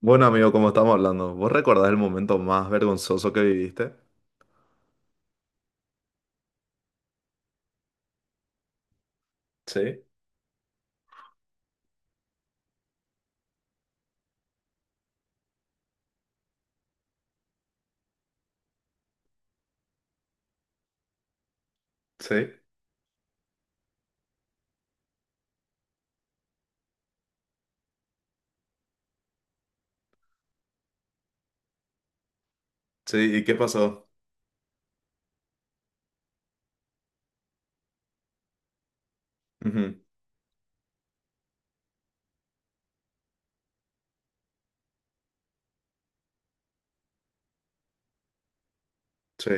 Bueno, amigo, como estamos hablando, ¿vos recordás el momento más vergonzoso que viviste? Sí, sí. Sí, ¿y qué pasó? Ujú, sí.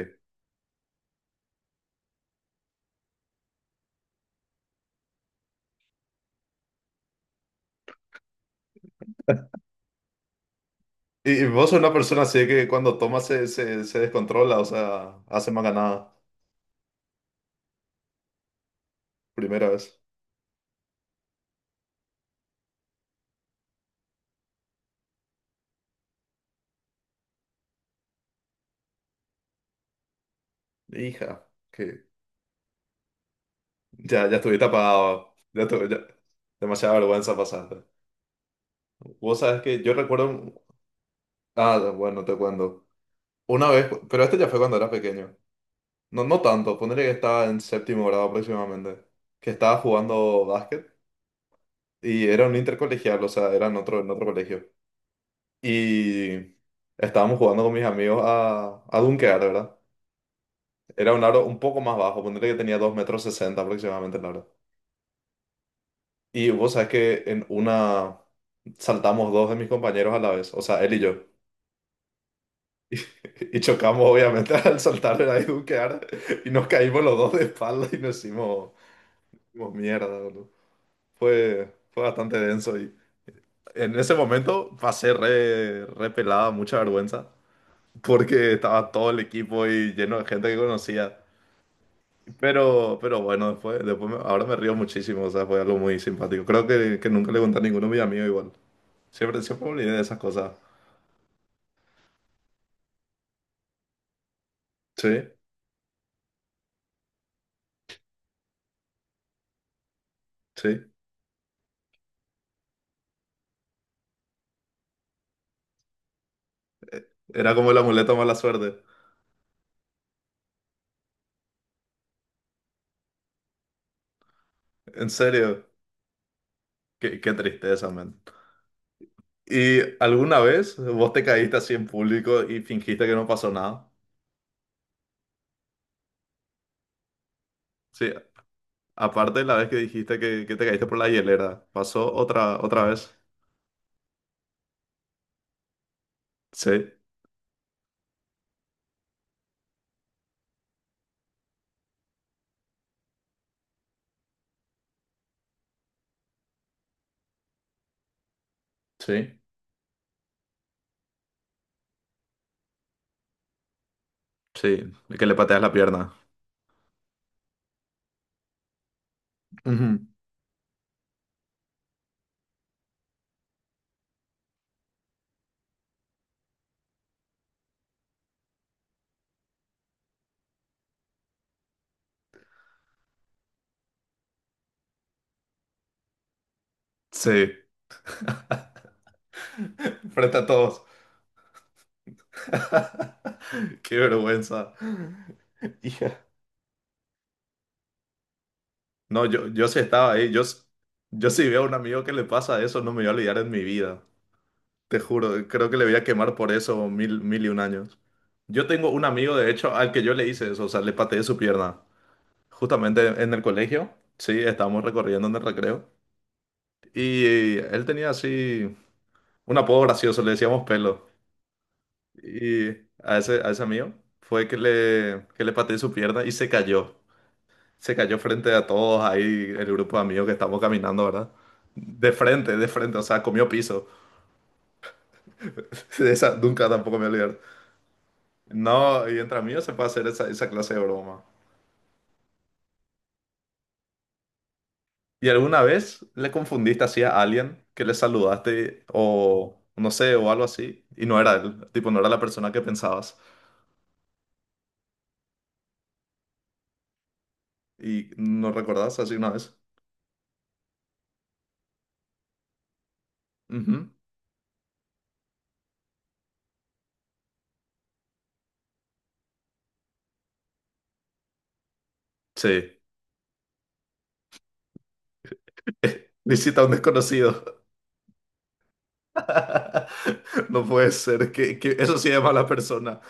Y vos sos una persona así que cuando toma se descontrola, o sea, hace más ganada. Primera vez. Hija, que ya, ya estuviste apagado. Ya tuve, ya- Demasiada vergüenza pasaste. Vos sabés que yo recuerdo. Un- Ah, bueno, te cuento. Una vez, pero este ya fue cuando era pequeño. No, no tanto, ponerle que estaba en séptimo grado aproximadamente. Que estaba jugando básquet. Y era un intercolegial, o sea, era en otro colegio. Y estábamos jugando con mis amigos a dunkear, ¿verdad? Era un aro un poco más bajo, ponerle que tenía 2 metros 60 aproximadamente el aro. Y vos sabés que en una saltamos dos de mis compañeros a la vez, o sea, él y yo. Y, chocamos obviamente al saltar era y dunkear y nos caímos los dos de espalda y nos hicimos, hicimos mierda, boludo. Fue bastante denso y en ese momento pasé re pelada, mucha vergüenza. Porque estaba todo el equipo y lleno de gente que conocía. Pero bueno, después, después me- ahora me río muchísimo, o sea, fue algo muy simpático. Creo que nunca le conté a ninguno de mis amigos igual. Siempre, siempre me olvidé de esas cosas. Sí, sí. Era como el amuleto de mala suerte. En serio, qué, qué tristeza, man. ¿Y alguna vez vos te caíste así en público y fingiste que no pasó nada? Sí, aparte de la vez que dijiste que te caíste por la hielera, ¿pasó otra, otra vez? Sí, sí, sí, que le pateas la pierna. Ujú, sí. Frente a todos. Qué vergüenza. Hija. No, yo sí estaba ahí. Yo, s- yo sí veo a un amigo que le pasa eso, no me voy a olvidar en mi vida. Te juro, creo que le voy a quemar por eso mil, mil y un años. Yo tengo un amigo, de hecho, al que yo le hice eso, o sea, le pateé su pierna. Justamente en el colegio, sí, estábamos recorriendo en el recreo. Y él tenía así un apodo gracioso, le decíamos pelo. Y a ese amigo fue que le pateé su pierna y se cayó. Se cayó frente a todos ahí, el grupo de amigos que estamos caminando, ¿verdad? De frente, o sea, comió piso. De esa nunca tampoco me olvidé. No, y entre amigos se puede hacer esa, esa clase de broma. ¿Y alguna vez le confundiste así a alguien que le saludaste o no sé, o algo así? Y no era él, tipo, no era la persona que pensabas. ¿Y no recordás así una vez? Ujú. Sí. Visita a un desconocido. No puede ser, que eso sí es mala persona.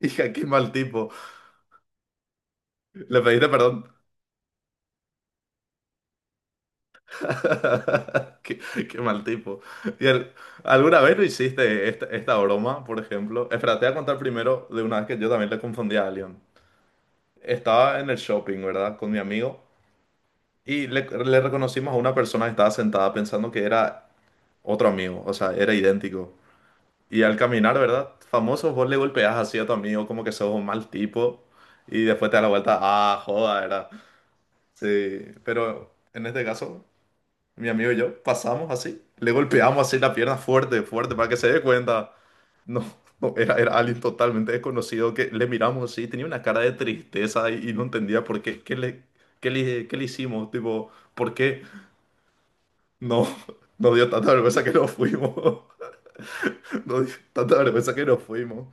Hija, qué mal tipo. Le pediste perdón. Qué, qué mal tipo. ¿Y al- alguna vez lo hiciste esta, esta broma, por ejemplo? Espera, te voy a contar primero de una vez que yo también le confundí a alguien. Estaba en el shopping, ¿verdad? Con mi amigo. Y le reconocimos a una persona que estaba sentada pensando que era otro amigo. O sea, era idéntico. Y al caminar, ¿verdad? Famoso, vos le golpeás así a tu amigo como que sos un mal tipo y después te da la vuelta, ah, joda, ¿verdad? Sí, pero en este caso, mi amigo y yo pasamos así, le golpeamos así la pierna fuerte, fuerte, para que se dé cuenta. No, no, era, era alguien totalmente desconocido que le miramos así, tenía una cara de tristeza y no entendía por qué, qué le, qué le hicimos, tipo, ¿por qué? No, nos dio tanta vergüenza que nos fuimos, nos dio tanta vergüenza que nos fuimos.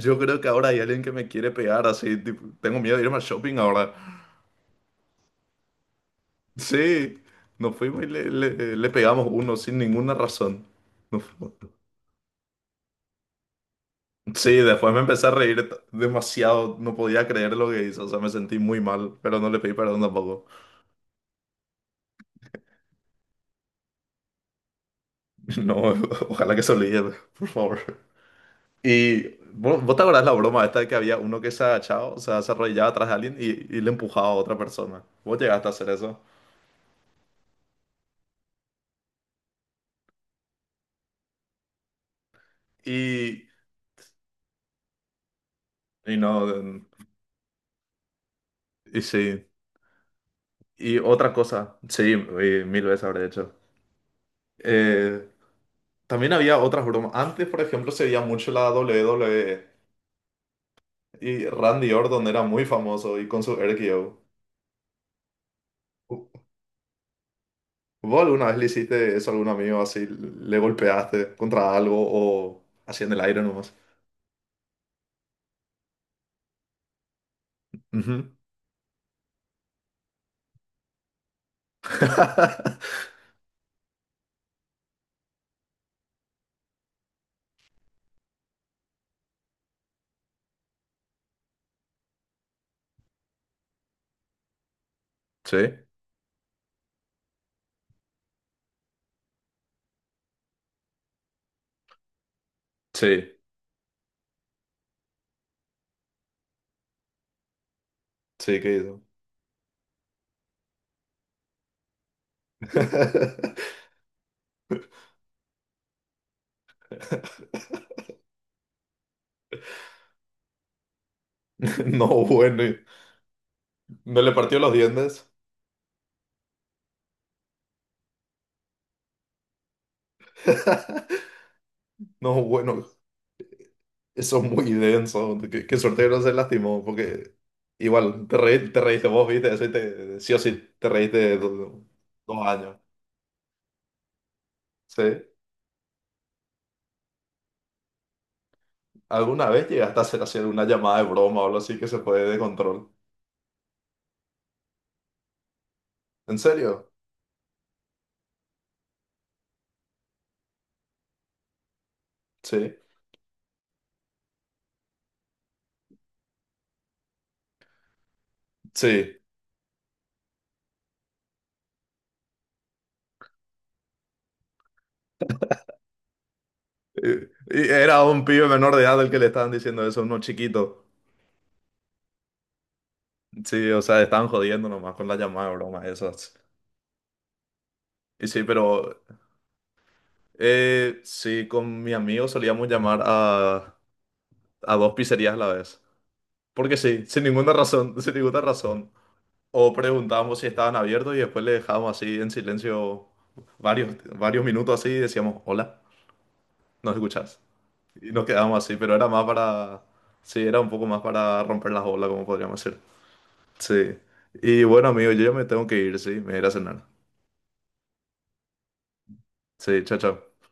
Yo creo que ahora hay alguien que me quiere pegar así. Tipo, tengo miedo de irme al shopping ahora. Sí, nos fuimos y le- le pegamos uno sin ninguna razón. Nos fuimos. Sí, después me empecé a reír t- demasiado. No podía creer lo que hizo. O sea, me sentí muy mal, pero no le pedí perdón tampoco. No, ojalá que se olvide, por favor. Y ¿vo- vos te acordás la broma esta de que había uno que se agachaba, o sea, se arrodillaba atrás de alguien y le empujaba a otra persona? Vos llegaste a hacer eso. Y, no, sí. Y otra cosa, sí, mil veces habré hecho. Eh, también había otras bromas. Antes, por ejemplo, se veía mucho la WWE y Randy Orton era muy famoso y con su RKO. ¿Vos alguna vez le hiciste eso a algún amigo así? ¿Le golpeaste contra algo o así en el aire nomás? Ujú. Sí, sí, sí, ¿qué hizo? No, bueno, y- ¿no le partió los dientes? No, bueno. Eso es muy denso. Qué, qué suerte que no se lastimó, porque igual te, reí- te reíste vos, viste, eso y te, sí o sí te reíste do- dos años. ¿Sí? ¿Alguna vez llegaste a hacer, hacer una llamada de broma o algo así que se fue de control? ¿En serio? Sí. Sí. Y era un pibe menor de edad el que le estaban diciendo eso, uno chiquito. Sí, o sea, estaban jodiendo nomás con la llamada de broma esas. Y sí, pero sí, con mi amigo solíamos llamar a dos pizzerías a la vez. Porque sí, sin ninguna razón, sin ninguna razón. O preguntábamos si estaban abiertos y después le dejábamos así en silencio varios, varios minutos así y decíamos, hola, ¿nos escuchás? Y nos quedábamos así, pero era más para, sí, era un poco más para romper las olas, como podríamos decir. Sí. Y bueno, amigo, yo ya me tengo que ir, sí, me iré a cenar. Sí, chao, chao.